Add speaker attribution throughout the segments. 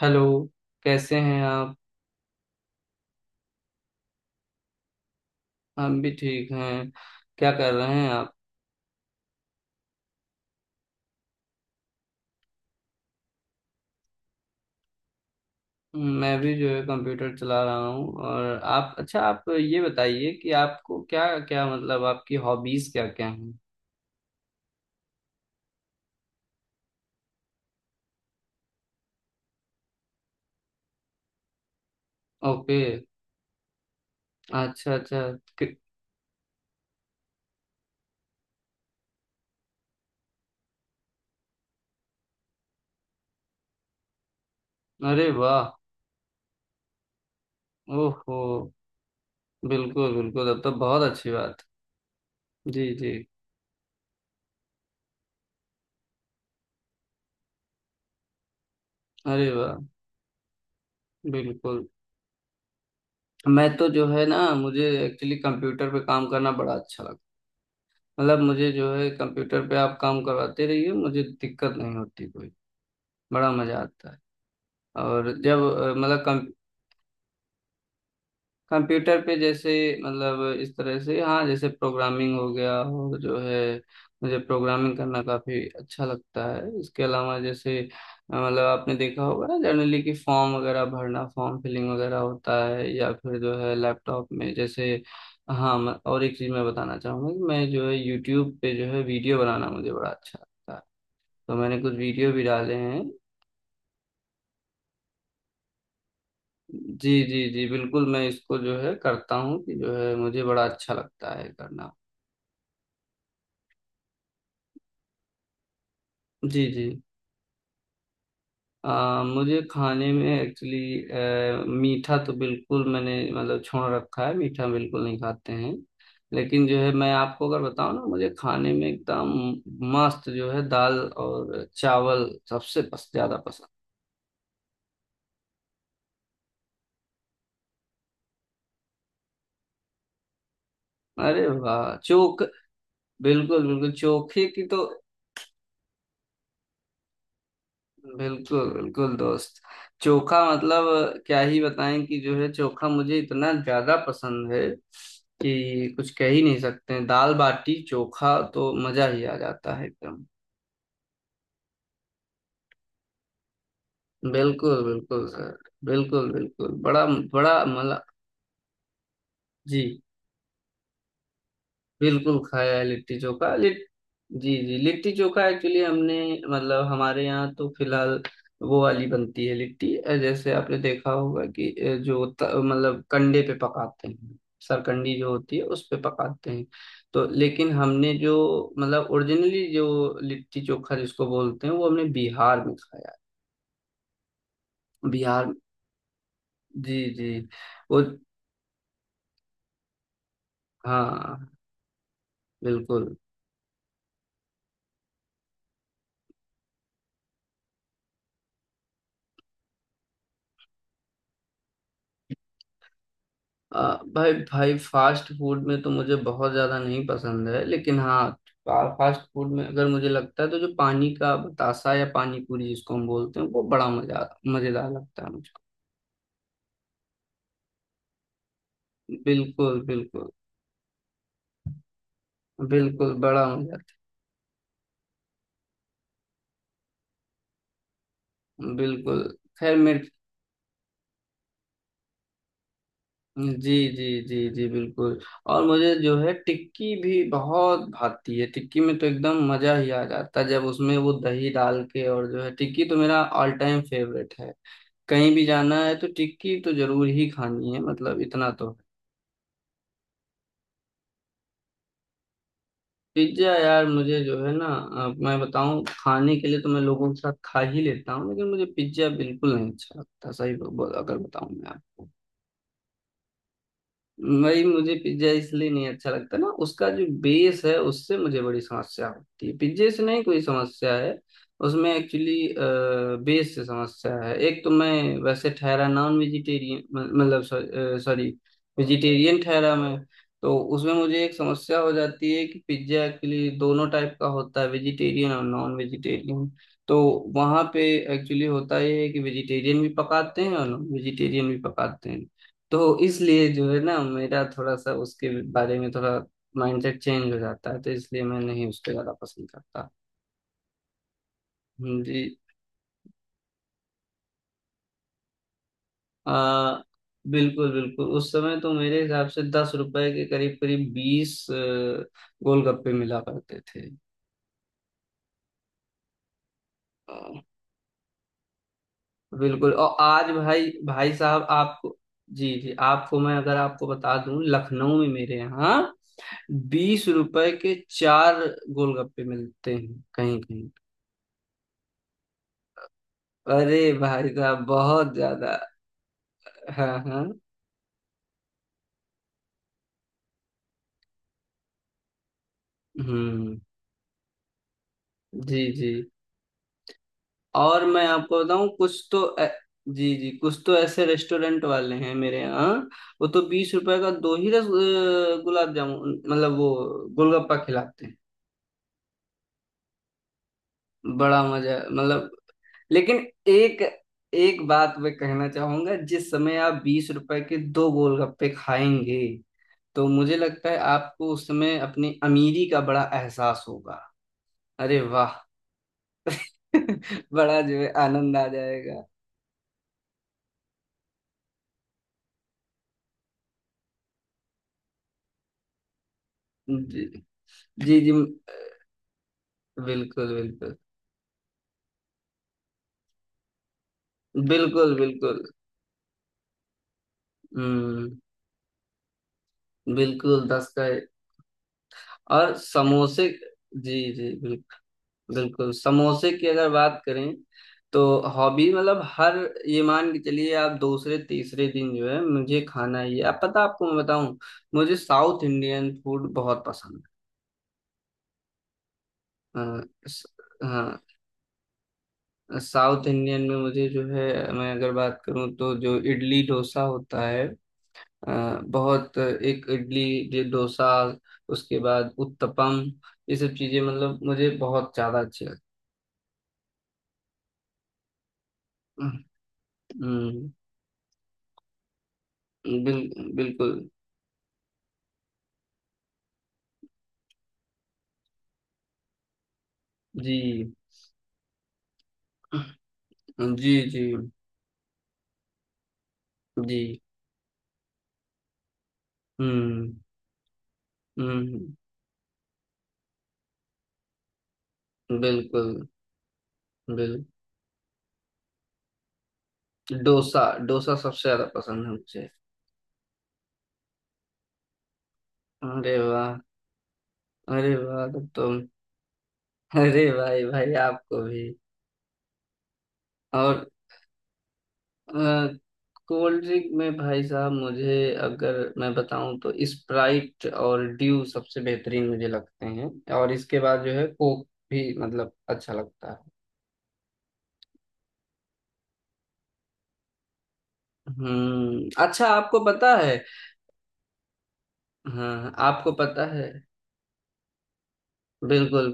Speaker 1: Hello. कैसे हैं आप। हम भी ठीक हैं। क्या कर रहे हैं आप। मैं भी जो है कंप्यूटर चला रहा हूँ। और आप? अच्छा, आप ये बताइए कि आपको क्या क्या, मतलब आपकी हॉबीज क्या क्या हैं। ओके। अच्छा अच्छा। कि- अरे वाह। ओहो। बिल्कुल बिल्कुल, तब तो बहुत अच्छी बात। जी जी। अरे वाह। बिल्कुल। मैं तो जो है ना, मुझे एक्चुअली कंप्यूटर पे काम करना बड़ा अच्छा लगता है। मतलब मुझे जो है, कंप्यूटर पे आप काम करवाते रहिए, मुझे दिक्कत नहीं होती कोई। बड़ा मजा आता है। और जब मतलब कंप्यूटर पे जैसे, मतलब इस तरह से, हाँ जैसे प्रोग्रामिंग हो गया और जो है, मुझे प्रोग्रामिंग करना काफी अच्छा लगता है। इसके अलावा जैसे मतलब आपने देखा होगा ना, जनरली कि फॉर्म वगैरह भरना, फॉर्म फिलिंग वगैरह होता है। या फिर जो है लैपटॉप में जैसे, हाँ, और एक चीज मैं बताना चाहूंगा कि मैं जो है यूट्यूब पे जो है वीडियो बनाना मुझे बड़ा अच्छा लगता है। तो मैंने कुछ वीडियो भी डाले हैं। जी जी जी बिल्कुल, मैं इसको जो है करता हूँ कि जो है मुझे बड़ा अच्छा लगता है करना। जी जी। मुझे खाने में एक्चुअली, मीठा तो बिल्कुल मैंने मतलब छोड़ रखा है, मीठा बिल्कुल नहीं खाते हैं। लेकिन जो है, मैं आपको अगर बताऊं ना, मुझे खाने में एकदम मस्त जो है, दाल और चावल सबसे ज्यादा पसंद। अरे वाह! चोख बिल्कुल बिल्कुल, चोखे की तो। बिल्कुल बिल्कुल दोस्त। चोखा मतलब, क्या ही बताएं कि जो है चोखा मुझे इतना ज्यादा पसंद है कि कुछ कह ही नहीं सकते हैं। दाल बाटी चोखा तो मजा ही आ जाता है एकदम। बिल्कुल बिल्कुल सर। बिल्कुल बिल्कुल, बड़ा बड़ा मजा। जी। बिल्कुल खाया है, लिट्टी चोखा लिट जी जी, लिट्टी चोखा एक्चुअली हमने, मतलब हमारे यहाँ तो फिलहाल वो वाली बनती है लिट्टी। जैसे आपने देखा होगा कि जो मतलब कंडे पे पकाते हैं। सरकंडी जो होती है उस पे पकाते हैं। तो लेकिन हमने जो, मतलब ओरिजिनली जो लिट्टी चोखा जिसको बोलते हैं, वो हमने बिहार में खाया है। बिहार। जी जी। वो हाँ बिल्कुल। भाई भाई, फास्ट फूड में तो मुझे बहुत ज्यादा नहीं पसंद है, लेकिन हाँ, फास्ट फूड में अगर मुझे लगता है तो जो पानी का बतासा या पानी पूरी जिसको हम बोलते हैं, वो बड़ा मजा मजेदार लगता है मुझको। बिल्कुल बिल्कुल। बिल्कुल बड़ा मजा आता है। बिल्कुल। खैर मेरे, जी जी जी जी बिल्कुल। और मुझे जो है टिक्की भी बहुत भाती है। टिक्की में तो एकदम मजा ही आ जाता है जब उसमें वो दही डाल के, और जो है टिक्की तो मेरा ऑल टाइम फेवरेट है। कहीं भी जाना है तो टिक्की तो जरूर ही खानी है, मतलब इतना तो। पिज्जा यार, मुझे जो है ना, अब मैं बताऊं खाने के लिए तो मैं लोगों के साथ खा ही लेता हूँ, लेकिन मुझे पिज्जा बिल्कुल नहीं अच्छा लगता सही अगर बताऊं मैं आपको। भाई, मुझे पिज्जा इसलिए नहीं अच्छा लगता ना, उसका जो बेस है उससे मुझे बड़ी समस्या होती है, पिज्जे से नहीं कोई समस्या है। उसमें एक्चुअली बेस से समस्या है। एक तो मैं वैसे ठहरा नॉन वेजिटेरियन, मतलब सॉरी, वेजिटेरियन ठहरा मैं। तो उसमें मुझे एक समस्या हो जाती है कि पिज्जा एक्चुअली दोनों टाइप का होता है, वेजिटेरियन और नॉन वेजिटेरियन। तो वहां पे एक्चुअली होता ये है कि वेजिटेरियन भी पकाते हैं और नॉन वेजिटेरियन भी पकाते हैं। तो इसलिए जो है ना मेरा थोड़ा सा उसके बारे में थोड़ा माइंडसेट चेंज हो जाता है, तो इसलिए मैं नहीं उसको ज्यादा पसंद करता। जी। आ, बिल्कुल बिल्कुल, उस समय तो मेरे हिसाब से 10 रुपए के करीब करीब 20 गोलगप्पे मिला करते थे। अ, बिल्कुल। और आज भाई भाई साहब आपको, जी जी, आपको मैं अगर आपको बता दूं, लखनऊ में मेरे यहाँ 20 रुपए के चार गोलगप्पे मिलते हैं कहीं कहीं। अरे भाई साहब, बहुत ज्यादा। हाँ हाँ। हम्म। जी जी। और मैं आपको बताऊं, कुछ तो जी जी, कुछ तो ऐसे रेस्टोरेंट वाले हैं मेरे यहाँ। वो तो 20 रुपए का दो ही गुलाब जामुन, मतलब वो गोलगप्पा खिलाते हैं। बड़ा मजा, मतलब। लेकिन एक एक बात मैं कहना चाहूंगा, जिस समय आप 20 रुपए के दो गोलगप्पे खाएंगे, तो मुझे लगता है आपको उस समय अपनी अमीरी का बड़ा एहसास होगा। अरे वाह! बड़ा जो है आनंद आ जाएगा। जी जी जी बिल्कुल बिल्कुल। बिल्कुल बिल्कुल। हम्म। बिल्कुल 10 का है। और समोसे, जी जी बिल्कुल। बिल्कुल, समोसे की अगर बात करें तो, हॉबी मतलब हर, ये मान के चलिए आप दूसरे तीसरे दिन जो है मुझे खाना ही है। आप पता आपको मैं बताऊं, मुझे साउथ इंडियन फूड बहुत पसंद है। स- हाँ, साउथ इंडियन में मुझे जो है, मैं अगर बात करूं तो जो इडली डोसा होता है, बहुत एक इडली, ये डोसा, उसके बाद उत्तपम, ये सब चीजें मतलब मुझे बहुत ज्यादा अच्छी लगती हैं। हम्म। बिल्कुल। जी जी जी जी। हम्म हम्म। बिल्कुल बिल्कुल। डोसा। डोसा सबसे ज्यादा पसंद है मुझे। अरे वाह! अरे वाह, तब तो। अरे भाई भाई, आपको भी। और कोल्ड ड्रिंक में भाई साहब मुझे, अगर मैं बताऊं तो स्प्राइट और ड्यू सबसे बेहतरीन मुझे लगते हैं। और इसके बाद जो है कोक भी मतलब अच्छा लगता है। हम्म। अच्छा, आपको पता है, हाँ आपको पता है, बिल्कुल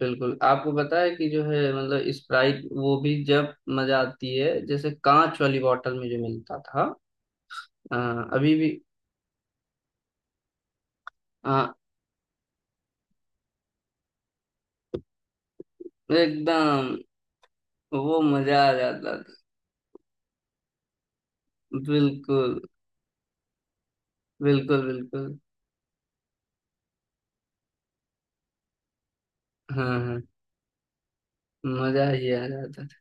Speaker 1: बिल्कुल, आपको पता है कि जो है मतलब स्प्राइट, वो भी जब मजा आती है, जैसे कांच वाली बॉटल में जो मिलता था। हाँ, अभी भी। हाँ, एकदम। वो मजा आ जाता था। बिल्कुल बिल्कुल बिल्कुल। हाँ हाँ। मजा ही आ जाता था।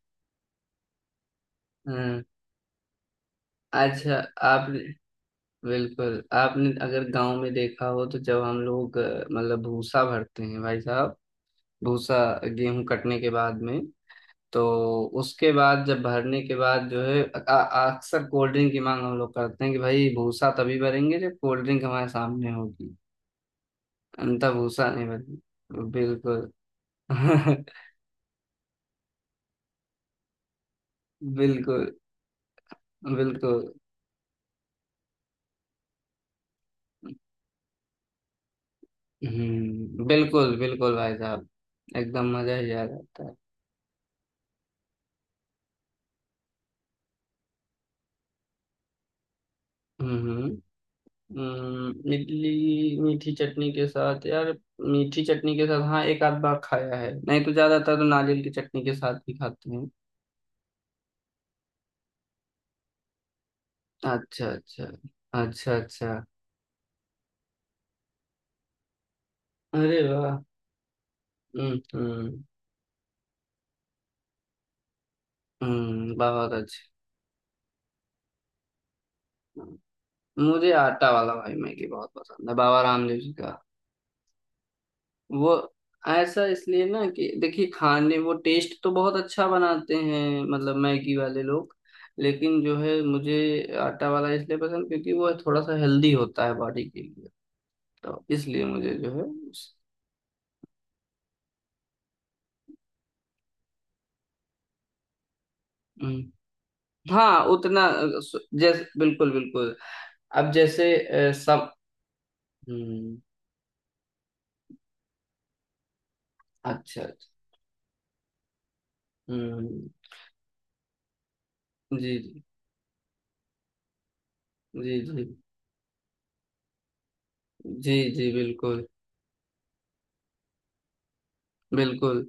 Speaker 1: हाँ। अच्छा, आपने, बिल्कुल आपने अगर गांव में देखा हो, तो जब हम लोग मतलब भूसा भरते हैं भाई साहब, भूसा गेहूं कटने के बाद में, तो उसके बाद जब भरने के बाद जो है अक्सर कोल्ड ड्रिंक की मांग हम लोग करते हैं, कि भाई भूसा तभी भरेंगे जब कोल्ड ड्रिंक हमारे सामने होगी। अंतः भूसा नहीं भरेंगे बिल्कुल। बिल्कुल बिल्कुल। हम्म, बिल्कुल बिल्कुल भाई साहब। एकदम मजा ही आ जाता है। हम्म। इडली मीठी चटनी के साथ यार, मीठी चटनी के साथ हाँ, एक आध बार खाया है, नहीं तो ज्यादातर तो नारियल की चटनी के साथ ही खाते हैं। अच्छा अच्छा। अच्छा अच्छा। अरे वाह! हम्म। बहुत अच्छा। मुझे आटा वाला भाई मैगी बहुत पसंद है, बाबा रामदेव जी का। वो ऐसा इसलिए ना कि देखिए, खाने वो टेस्ट तो बहुत अच्छा बनाते हैं मतलब मैगी वाले लोग। लेकिन जो है मुझे आटा वाला इसलिए पसंद, क्योंकि वो थोड़ा सा हेल्दी होता है बॉडी के लिए। तो इसलिए मुझे जो है हम्म, हाँ उतना जैसे बिल्कुल बिल्कुल। अब जैसे, सब। हम्म। अच्छा अच्छा, हम्म। जी जी जी जी जी जी। बिल्कुल बिल्कुल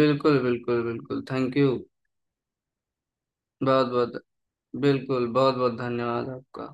Speaker 1: बिल्कुल बिल्कुल बिल्कुल, थैंक यू। बहुत बहुत। बिल्कुल, बहुत बहुत धन्यवाद आपका।